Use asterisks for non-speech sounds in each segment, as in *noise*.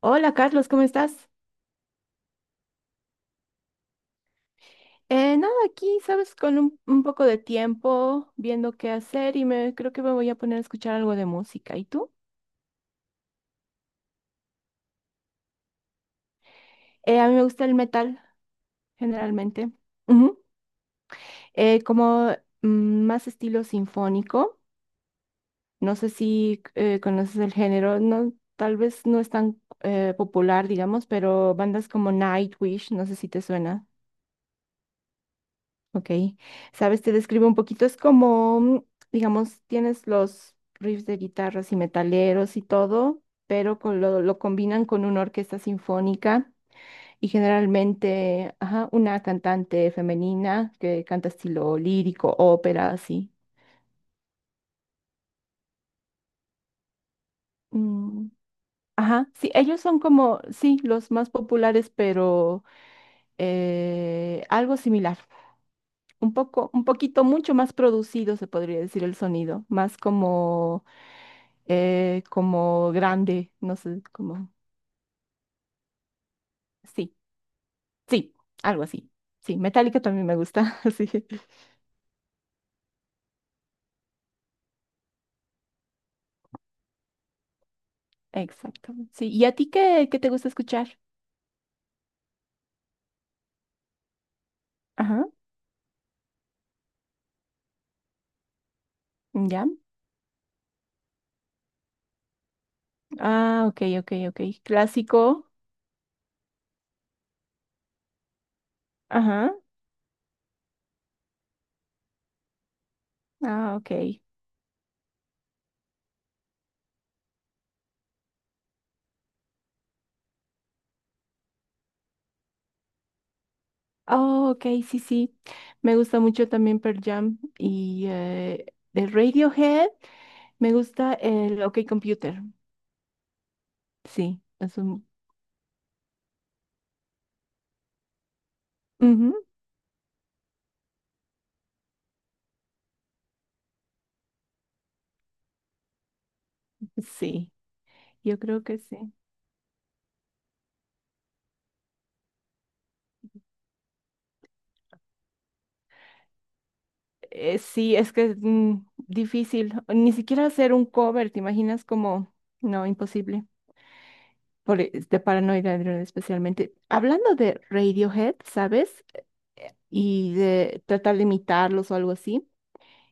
Hola Carlos, ¿cómo estás? Nada, aquí, sabes, con un poco de tiempo viendo qué hacer y me creo que me voy a poner a escuchar algo de música. ¿Y tú? A mí me gusta el metal, generalmente. Ujú. Como mm, más estilo sinfónico. No sé si conoces el género, no, tal vez no es tan popular, digamos, pero bandas como Nightwish, no sé si te suena. Ok, sabes, te describo un poquito, es como, digamos, tienes los riffs de guitarras y metaleros y todo, pero con lo combinan con una orquesta sinfónica y generalmente, ajá, una cantante femenina que canta estilo lírico, ópera, así. Mm, ajá, sí, ellos son como, sí, los más populares, pero algo similar. Un poco, un poquito mucho más producido, se podría decir el sonido, más como como grande, no sé, como, sí, sí, algo así. Sí, Metallica también me gusta, *laughs* sí, exacto. Sí, ¿y a ti qué te gusta escuchar? Ajá, ya. Ah, ok, ok, ok. Clásico. Ajá, ah, ok. Oh, ok, sí, sí. Me gusta mucho también Pearl Jam y de Radiohead me gusta el OK Computer. Sí. Ujú. Sí, yo creo que sí. Sí, es que es difícil. Ni siquiera hacer un cover, ¿te imaginas? Como, no, imposible. De Paranoid Android especialmente. Hablando de Radiohead, ¿sabes? Y de tratar de imitarlos o algo así.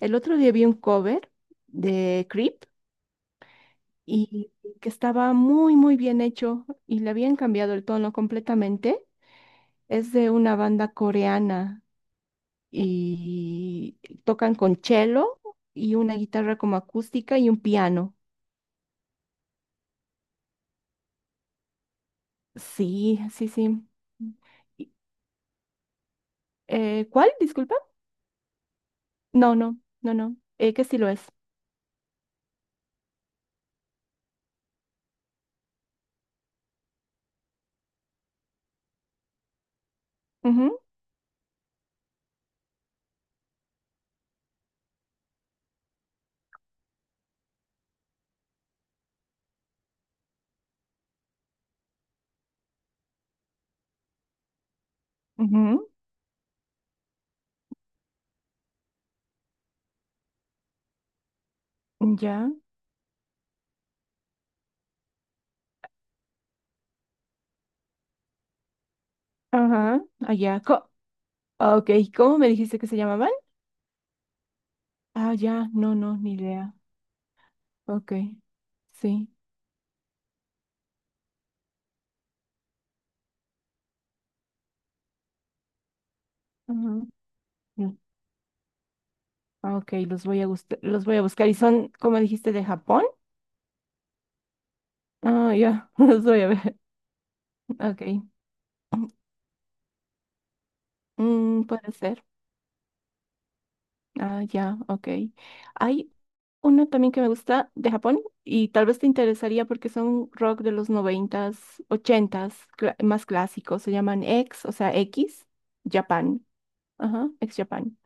El otro día vi un cover de Creep y que estaba muy, muy bien hecho y le habían cambiado el tono completamente. Es de una banda coreana y tocan con cello y una guitarra como acústica y un piano. Sí, sí, sí. Y- ¿Cuál? Disculpa. No, no, no, no. Que sí lo es. Ujú, ujú, ya. Ajá. Allá. Ah, ok. ¿Cómo me dijiste que se llamaban? Ah, ya. No, no, ni idea. Ok. Sí. Ajá. Mm, ah, ok, los voy a buscar. ¿Y son, como dijiste, de Japón? Ah, ya. *laughs* Los voy a ver. Ok. *laughs* Mm, puede ser. Ah, ya, ok. Hay una también que me gusta de Japón y tal vez te interesaría porque son rock de los noventas, ochentas, más clásicos. Se llaman X, o sea, X, Japan. Ajá, X Japan.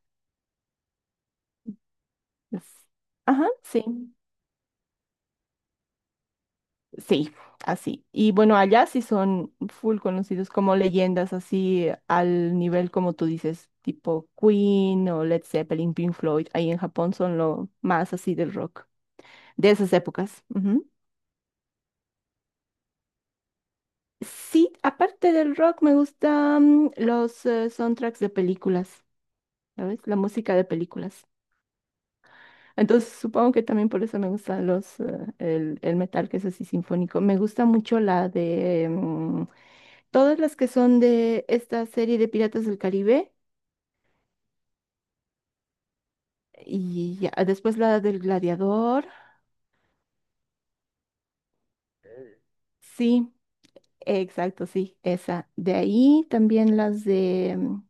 Es- Ajá, sí, sí, así. Y bueno, allá sí son full conocidos como leyendas, así al nivel como tú dices, tipo Queen o Led Zeppelin, Pink Floyd. Ahí en Japón son lo más así del rock, de esas épocas. Sí, aparte del rock me gustan los soundtracks de películas, ¿sabes? La música de películas. Entonces supongo que también por eso me gusta el metal que es así sinfónico. Me gusta mucho la de todas las que son de esta serie de Piratas del Caribe y ya, después la del Gladiador. Sí, exacto, sí, esa. De ahí también las de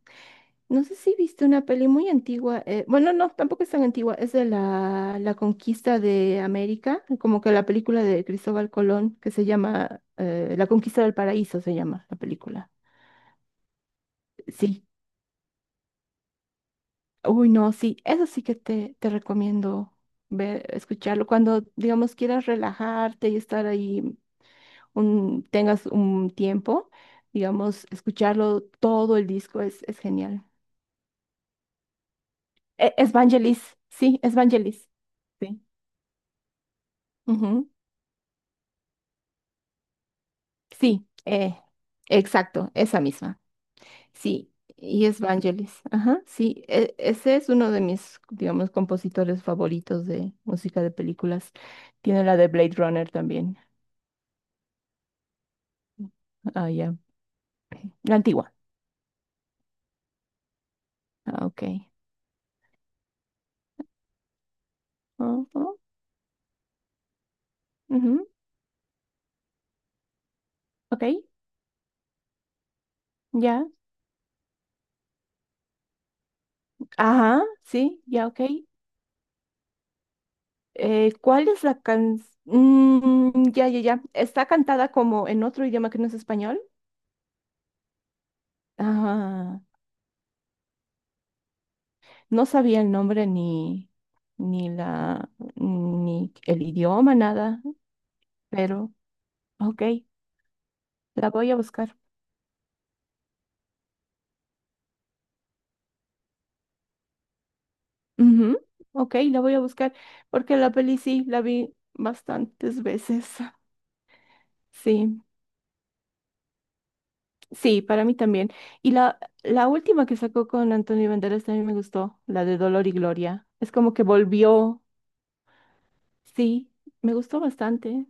no sé si viste una peli muy antigua. Bueno, no, tampoco es tan antigua. Es de la conquista de América, como que la película de Cristóbal Colón, que se llama La conquista del paraíso, se llama la película. Sí. Uy, no, sí. Eso sí que te recomiendo ver, escucharlo. Cuando, digamos, quieras relajarte y estar ahí, tengas un tiempo, digamos, escucharlo todo el disco es genial. Evangelis, sí, Evangelis. Sí. Ujú. Sí, exacto, esa misma. Sí, y es Vangelis. Ajá, sí, ese es uno de mis, digamos, compositores favoritos de música de películas. Tiene la de Blade Runner también. Ah, ya. Ok. La antigua. Ah, ok. Ah, ah, ujú, ok, ya. Ajá, sí, ya, ok. ¿Cuál es la can... Mm, ya, ya, ya. ¿Está cantada como en otro idioma que no es español? Ajá. No sabía el nombre ni la, ni el idioma, nada, pero ok, la voy a buscar. Ujú, ok, la voy a buscar porque la peli sí, la vi bastantes veces. *laughs* Sí, sí, para mí también. Y la última que sacó con Antonio Banderas también me gustó, la de Dolor y Gloria. Es como que volvió, sí, me gustó bastante.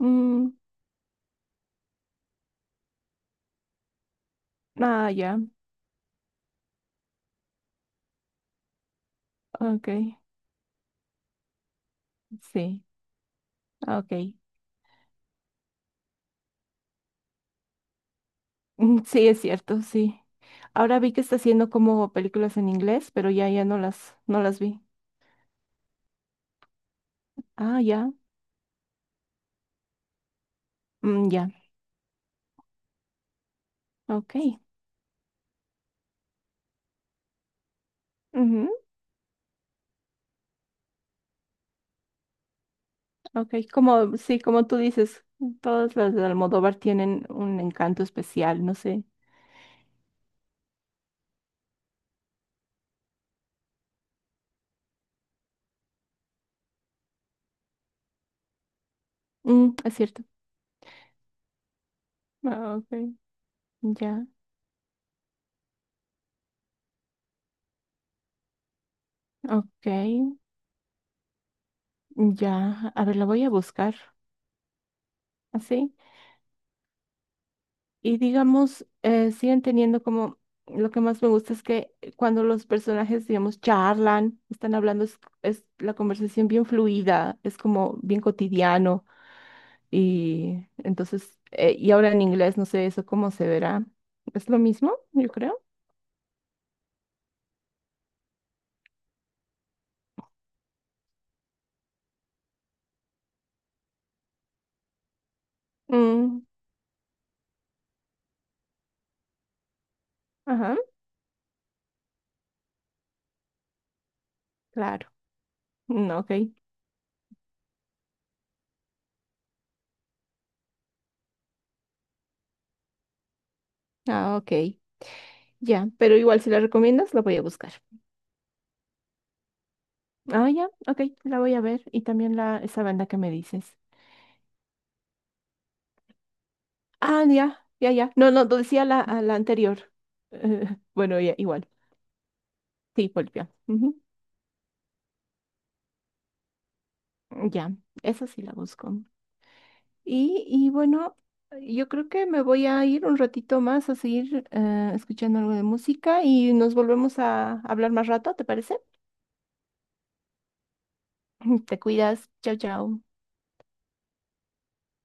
Mm, ah, ya, ok, sí, ok. Mm, sí, es cierto, sí. Ahora vi que está haciendo como películas en inglés, pero ya, ya no las vi. Ah, ya, mm, ya, ok. Ujú, ok, como, sí, como tú dices, todas las de Almodóvar tienen un encanto especial, no sé. Mm, es cierto. Ah, ok, ya, ok, ya. A ver, la voy a buscar, ¿así? Y digamos, siguen teniendo como, lo que más me gusta es que cuando los personajes, digamos, charlan, están hablando, es la conversación bien fluida, es como bien cotidiano. Y entonces, y ahora en inglés, no sé eso cómo se verá. Es lo mismo, yo creo. Mm, ajá, claro. Mm, ok. Ah, ok. Ya, pero igual si la recomiendas, la voy a buscar. Ah, ya, ok, la voy a ver. Y también esa banda que me dices. Ah, ya, ya, ya. No, no, decía a la anterior. Eh, *laughs* bueno, ya, igual. Sí, Polpia. Ujú. Ya, esa sí la busco. Y bueno, yo creo que me voy a ir un ratito más a seguir escuchando algo de música y nos volvemos a hablar más rato, ¿te parece? *laughs* Te cuidas. Chao, chao.